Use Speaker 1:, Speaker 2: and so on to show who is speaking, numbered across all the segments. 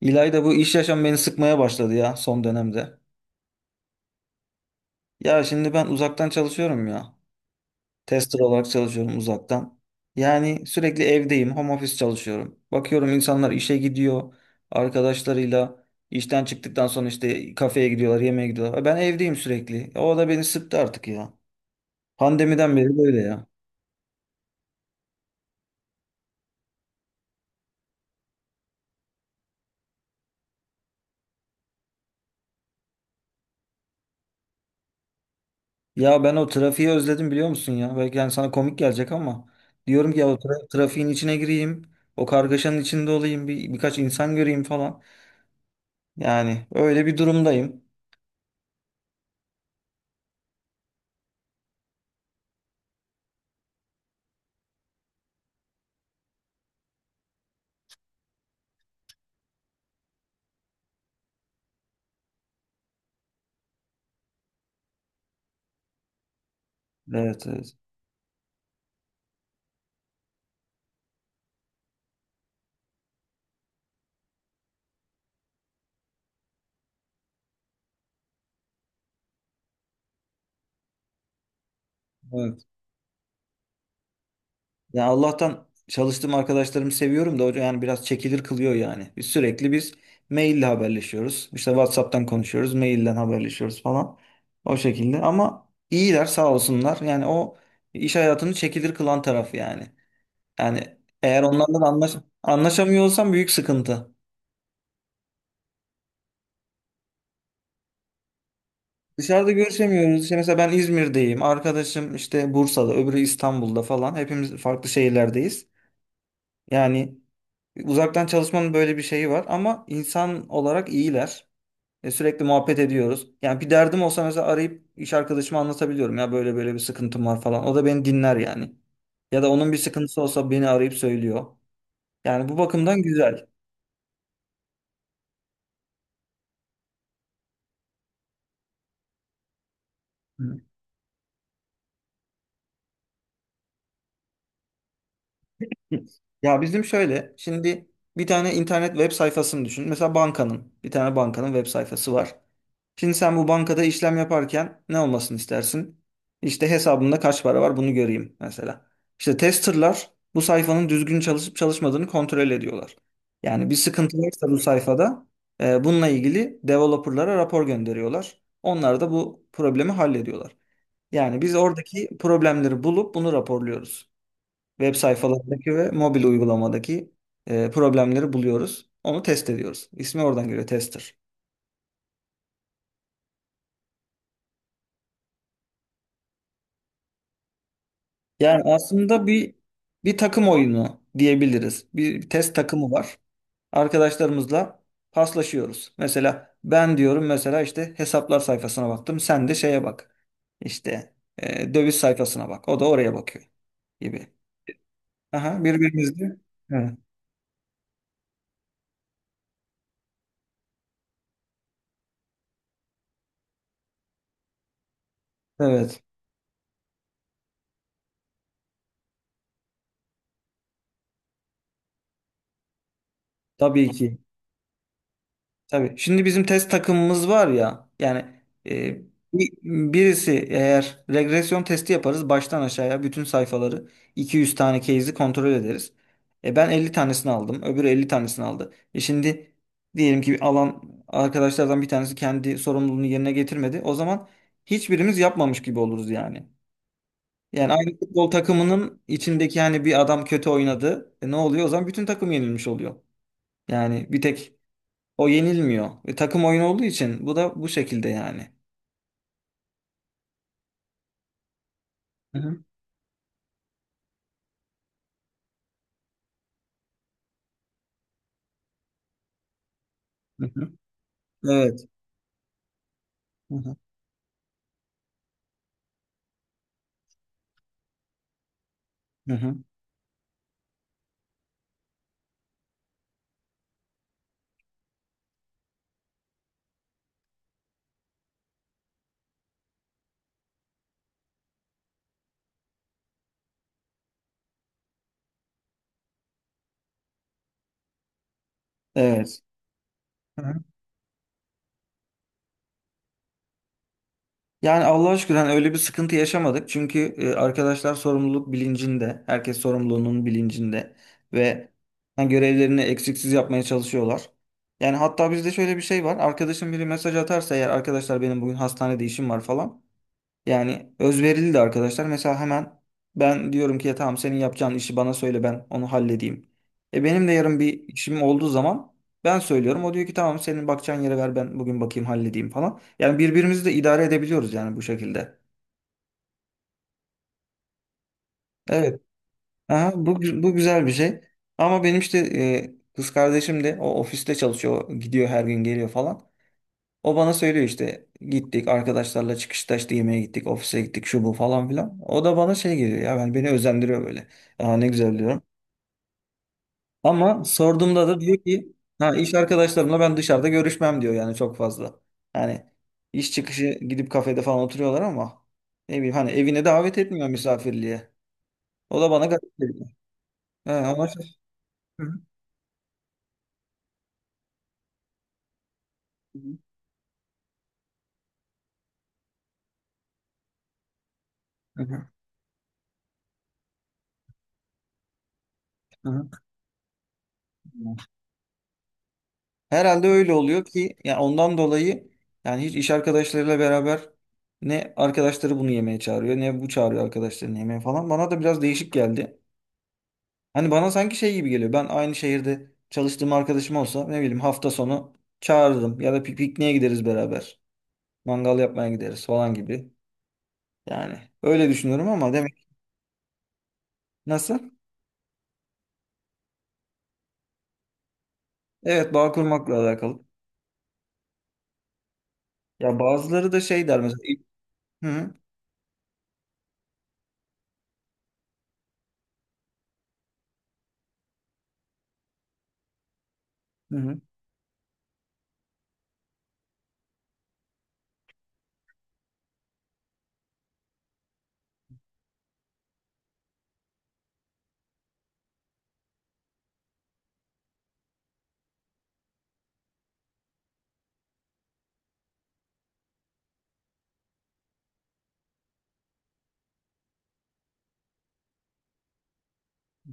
Speaker 1: İlayda, bu iş yaşam beni sıkmaya başladı ya son dönemde. Ya şimdi ben uzaktan çalışıyorum ya. Tester olarak çalışıyorum uzaktan. Yani sürekli evdeyim, home office çalışıyorum. Bakıyorum insanlar işe gidiyor, arkadaşlarıyla işten çıktıktan sonra işte kafeye gidiyorlar, yemeğe gidiyorlar. Ben evdeyim sürekli. O da beni sıktı artık ya. Pandemiden beri böyle ya. Ya ben o trafiği özledim, biliyor musun ya? Belki yani sana komik gelecek ama diyorum ki ya o trafiğin içine gireyim, o kargaşanın içinde olayım, bir birkaç insan göreyim falan. Yani öyle bir durumdayım. Evet, evet. Evet. Ya Allah'tan çalıştığım arkadaşlarımı seviyorum da, hocam, yani biraz çekilir kılıyor yani. Biz sürekli biz maille haberleşiyoruz. İşte WhatsApp'tan konuşuyoruz, mailden haberleşiyoruz falan. O şekilde ama iyiler, sağ olsunlar. Yani o iş hayatını çekilir kılan tarafı yani. Yani eğer onlarla da anlaş anlaşamıyor olsam büyük sıkıntı. Dışarıda görüşemiyoruz. İşte mesela ben İzmir'deyim. Arkadaşım işte Bursa'da, öbürü İstanbul'da falan. Hepimiz farklı şehirlerdeyiz. Yani uzaktan çalışmanın böyle bir şeyi var ama insan olarak iyiler. Sürekli muhabbet ediyoruz. Yani bir derdim olsa mesela arayıp iş arkadaşıma anlatabiliyorum ya, böyle böyle bir sıkıntım var falan. O da beni dinler yani. Ya da onun bir sıkıntısı olsa beni arayıp söylüyor. Yani bu bakımdan güzel. Hı. Ya bizim şöyle şimdi bir tane internet web sayfasını düşün. Mesela bankanın, bir tane bankanın web sayfası var. Şimdi sen bu bankada işlem yaparken ne olmasını istersin? İşte hesabımda kaç para var, bunu göreyim mesela. İşte testerlar bu sayfanın düzgün çalışıp çalışmadığını kontrol ediyorlar. Yani bir sıkıntı varsa bu sayfada bununla ilgili developerlara rapor gönderiyorlar. Onlar da bu problemi hallediyorlar. Yani biz oradaki problemleri bulup bunu raporluyoruz. Web sayfalarındaki ve mobil uygulamadaki problemleri buluyoruz. Onu test ediyoruz. İsmi oradan geliyor, tester. Yani aslında bir takım oyunu diyebiliriz. Bir test takımı var. Arkadaşlarımızla paslaşıyoruz. Mesela ben diyorum, mesela işte hesaplar sayfasına baktım. Sen de şeye bak. İşte döviz sayfasına bak. O da oraya bakıyor gibi. Aha, birbirimizle. Evet. Evet. Tabii ki. Tabii. Şimdi bizim test takımımız var ya, yani e, bi- birisi eğer regresyon testi yaparız, baştan aşağıya bütün sayfaları 200 tane case'i kontrol ederiz. Ben 50 tanesini aldım. Öbürü 50 tanesini aldı. Şimdi diyelim ki alan arkadaşlardan bir tanesi kendi sorumluluğunu yerine getirmedi. O zaman hiçbirimiz yapmamış gibi oluruz yani. Yani aynı futbol takımının içindeki yani, bir adam kötü oynadı. Ne oluyor? O zaman bütün takım yenilmiş oluyor. Yani bir tek o yenilmiyor. Takım oyunu olduğu için bu da bu şekilde yani. Hı hı, hı hı, evet. Hı hı. Hı hı. Evet. Hı hı. Yani Allah'a şükür, hani öyle bir sıkıntı yaşamadık. Çünkü arkadaşlar sorumluluk bilincinde, herkes sorumluluğunun bilincinde ve hani görevlerini eksiksiz yapmaya çalışıyorlar. Yani hatta bizde şöyle bir şey var. Arkadaşım biri mesaj atarsa eğer, arkadaşlar benim bugün hastanede işim var falan. Yani özverili de arkadaşlar. Mesela hemen ben diyorum ki ya, tamam, senin yapacağın işi bana söyle, ben onu halledeyim. E benim de yarın bir işim olduğu zaman ben söylüyorum. O diyor ki tamam, senin bakacağın yere ver, ben bugün bakayım, halledeyim falan. Yani birbirimizi de idare edebiliyoruz yani bu şekilde. Evet. Aha, bu, bu güzel bir şey. Ama benim işte kız kardeşim de o ofiste çalışıyor. Gidiyor her gün, geliyor falan. O bana söylüyor işte, gittik arkadaşlarla çıkışta işte yemeğe gittik, ofise gittik, şu bu falan filan. O da bana şey geliyor ya, ben, beni özendiriyor böyle. Aa, ne güzel diyorum. Ama sorduğumda da diyor ki ha, iş arkadaşlarımla ben dışarıda görüşmem diyor, yani çok fazla. Yani iş çıkışı gidip kafede falan oturuyorlar ama ne bileyim, hani evine davet etmiyor misafirliğe. O da bana garip geliyor. He, ama hı hı. Hı hı. Hı hı. Herhalde öyle oluyor ki yani, ondan dolayı yani hiç iş arkadaşlarıyla beraber ne arkadaşları bunu yemeye çağırıyor ne bu çağırıyor arkadaşlarını yemeğe falan. Bana da biraz değişik geldi. Hani bana sanki şey gibi geliyor. Ben aynı şehirde çalıştığım arkadaşım olsa ne bileyim hafta sonu çağırırım ya da pikniğe gideriz beraber. Mangal yapmaya gideriz falan gibi. Yani öyle düşünüyorum ama demek. Nasıl? Evet, bağ kurmakla alakalı. Ya bazıları da şey der mesela. Hı hı. Hı hı.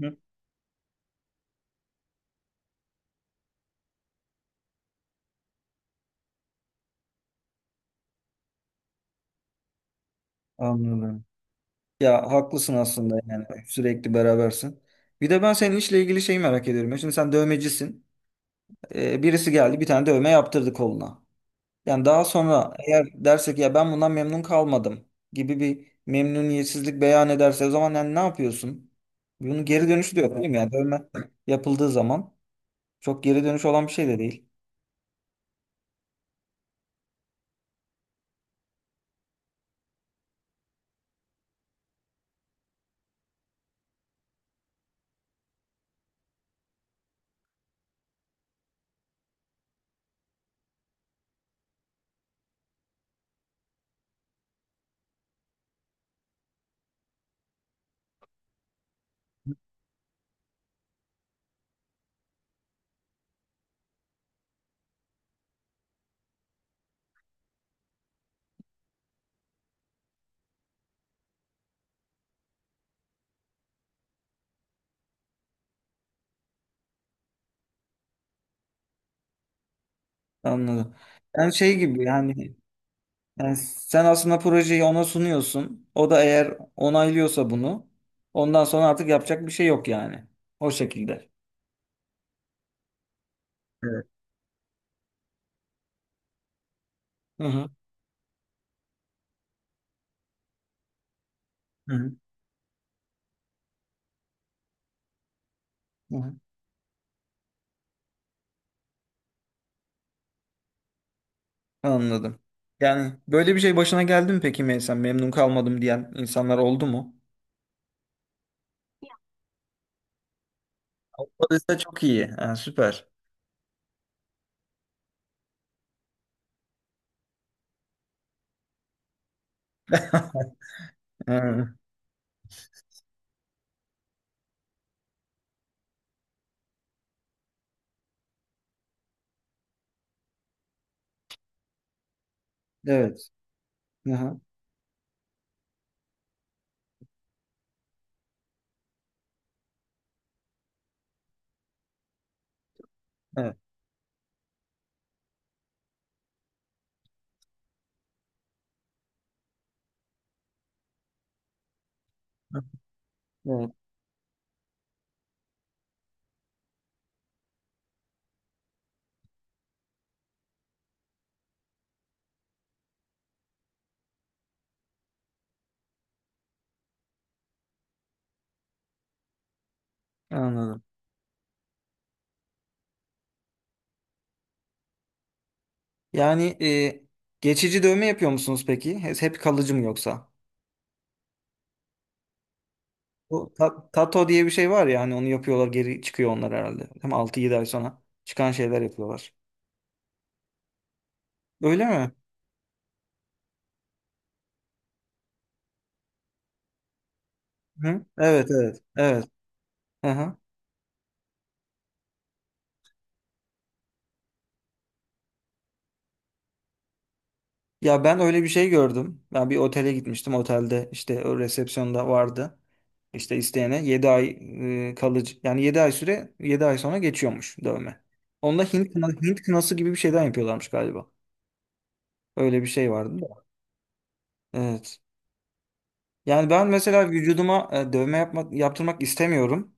Speaker 1: Hı hı. Anladım. Ya haklısın aslında, yani sürekli berabersin. Bir de ben senin işle ilgili şeyi merak ediyorum ya. Şimdi sen dövmecisin. Birisi geldi, bir tane dövme yaptırdı koluna. Yani daha sonra eğer dersek ya, ben bundan memnun kalmadım gibi bir memnuniyetsizlik beyan ederse, o zaman yani ne yapıyorsun? Bunun geri dönüşü de yok, değil mi? Yani dövme yapıldığı zaman çok geri dönüş olan bir şey de değil. Anladım. Yani şey gibi yani, yani sen aslında projeyi ona sunuyorsun. O da eğer onaylıyorsa bunu, ondan sonra artık yapacak bir şey yok yani. O şekilde. Evet. Hı hı. Hı hı. Hı hı. Anladım. Yani böyle bir şey başına geldi mi peki, Meysen? Memnun kalmadım diyen insanlar oldu mu? Olursa çok iyi. Ha, süper. Hı. Evet. Hı hı. Evet. Hı. Evet. Anladım. Yani geçici dövme yapıyor musunuz peki? Hep hep kalıcı mı yoksa? Bu tato diye bir şey var ya hani, onu yapıyorlar, geri çıkıyor onlar herhalde. Hem 6-7 ay sonra çıkan şeyler yapıyorlar. Öyle mi? Hı? Evet, evet, evet. Aha. Ya ben öyle bir şey gördüm. Ben bir otele gitmiştim. Otelde işte o resepsiyonda vardı. İşte isteyene 7 ay kalıcı, yani 7 ay süre, 7 ay sonra geçiyormuş dövme. Onda Hint, Hint kınası gibi bir şeyden yapıyorlarmış galiba. Öyle bir şey vardı da. Evet. Yani ben mesela vücuduma dövme yapmak, yaptırmak istemiyorum.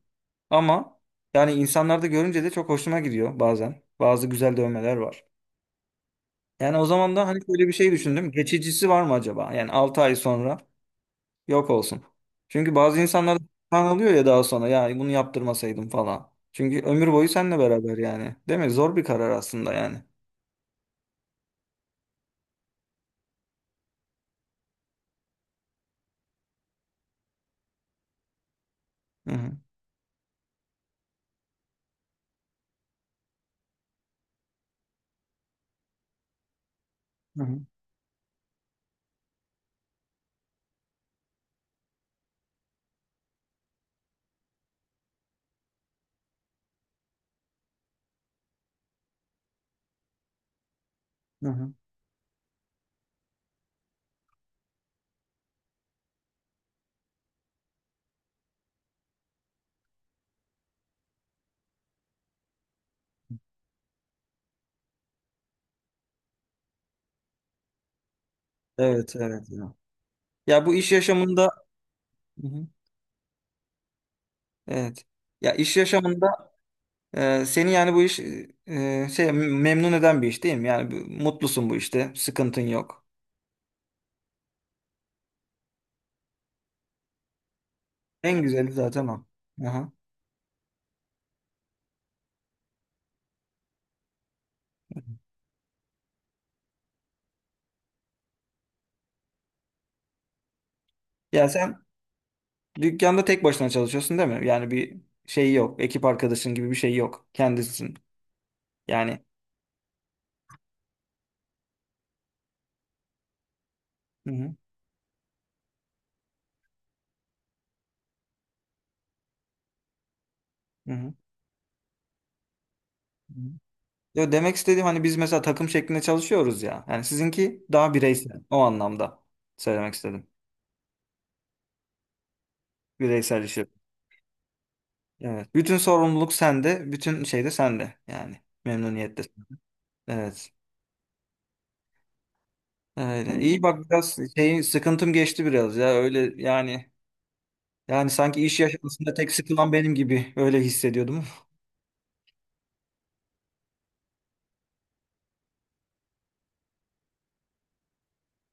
Speaker 1: Ama yani insanlarda görünce de çok hoşuma gidiyor bazen. Bazı güzel dövmeler var. Yani o zaman da hani böyle bir şey düşündüm. Geçicisi var mı acaba? Yani 6 ay sonra yok olsun. Çünkü bazı insanlar kan alıyor ya daha sonra, ya bunu yaptırmasaydım falan. Çünkü ömür boyu seninle beraber yani. Değil mi? Zor bir karar aslında yani. Hı hı. Hı hı. Hı hı. Evet, evet. Ya, ya bu iş yaşamında hı hı, evet. Ya iş yaşamında seni yani bu iş şey, memnun eden bir iş değil mi? Yani bu- mutlusun bu işte. Sıkıntın yok. En güzeli zaten o. Aha. Ya sen dükkanda tek başına çalışıyorsun değil mi? Yani bir şey yok. Ekip arkadaşın gibi bir şey yok. Kendisin. Yani hı hı, hı hı, hı. Yo, demek istediğim hani biz mesela takım şeklinde çalışıyoruz ya. Yani sizinki daha bireysel. O anlamda söylemek istedim. Bireysel iş yapıyor. Evet. Bütün sorumluluk sende. Bütün şey de sende. Yani memnuniyette. Evet. Öyle. Hani İyi bak, biraz şeyin, sıkıntım geçti biraz ya, öyle yani, yani sanki iş yaşamasında tek sıkılan benim gibi öyle hissediyordum.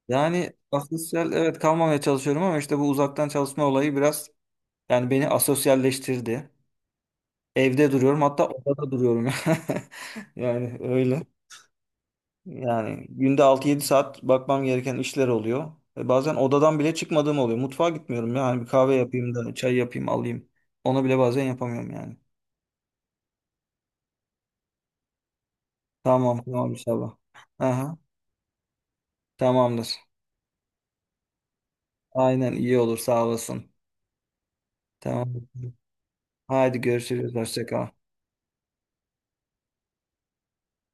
Speaker 1: Yani asosyal, evet, kalmamaya çalışıyorum ama işte bu uzaktan çalışma olayı biraz yani beni asosyalleştirdi. Evde duruyorum, hatta odada duruyorum. Yani öyle. Yani günde 6-7 saat bakmam gereken işler oluyor. Bazen odadan bile çıkmadığım oluyor. Mutfağa gitmiyorum yani, bir kahve yapayım da, çay yapayım, alayım. Onu bile bazen yapamıyorum yani. Tamam, tamam, inşallah. Aha, tamamdır. Aynen, iyi olur, sağ olasın. Tamam. Haydi görüşürüz. Hoşça kal.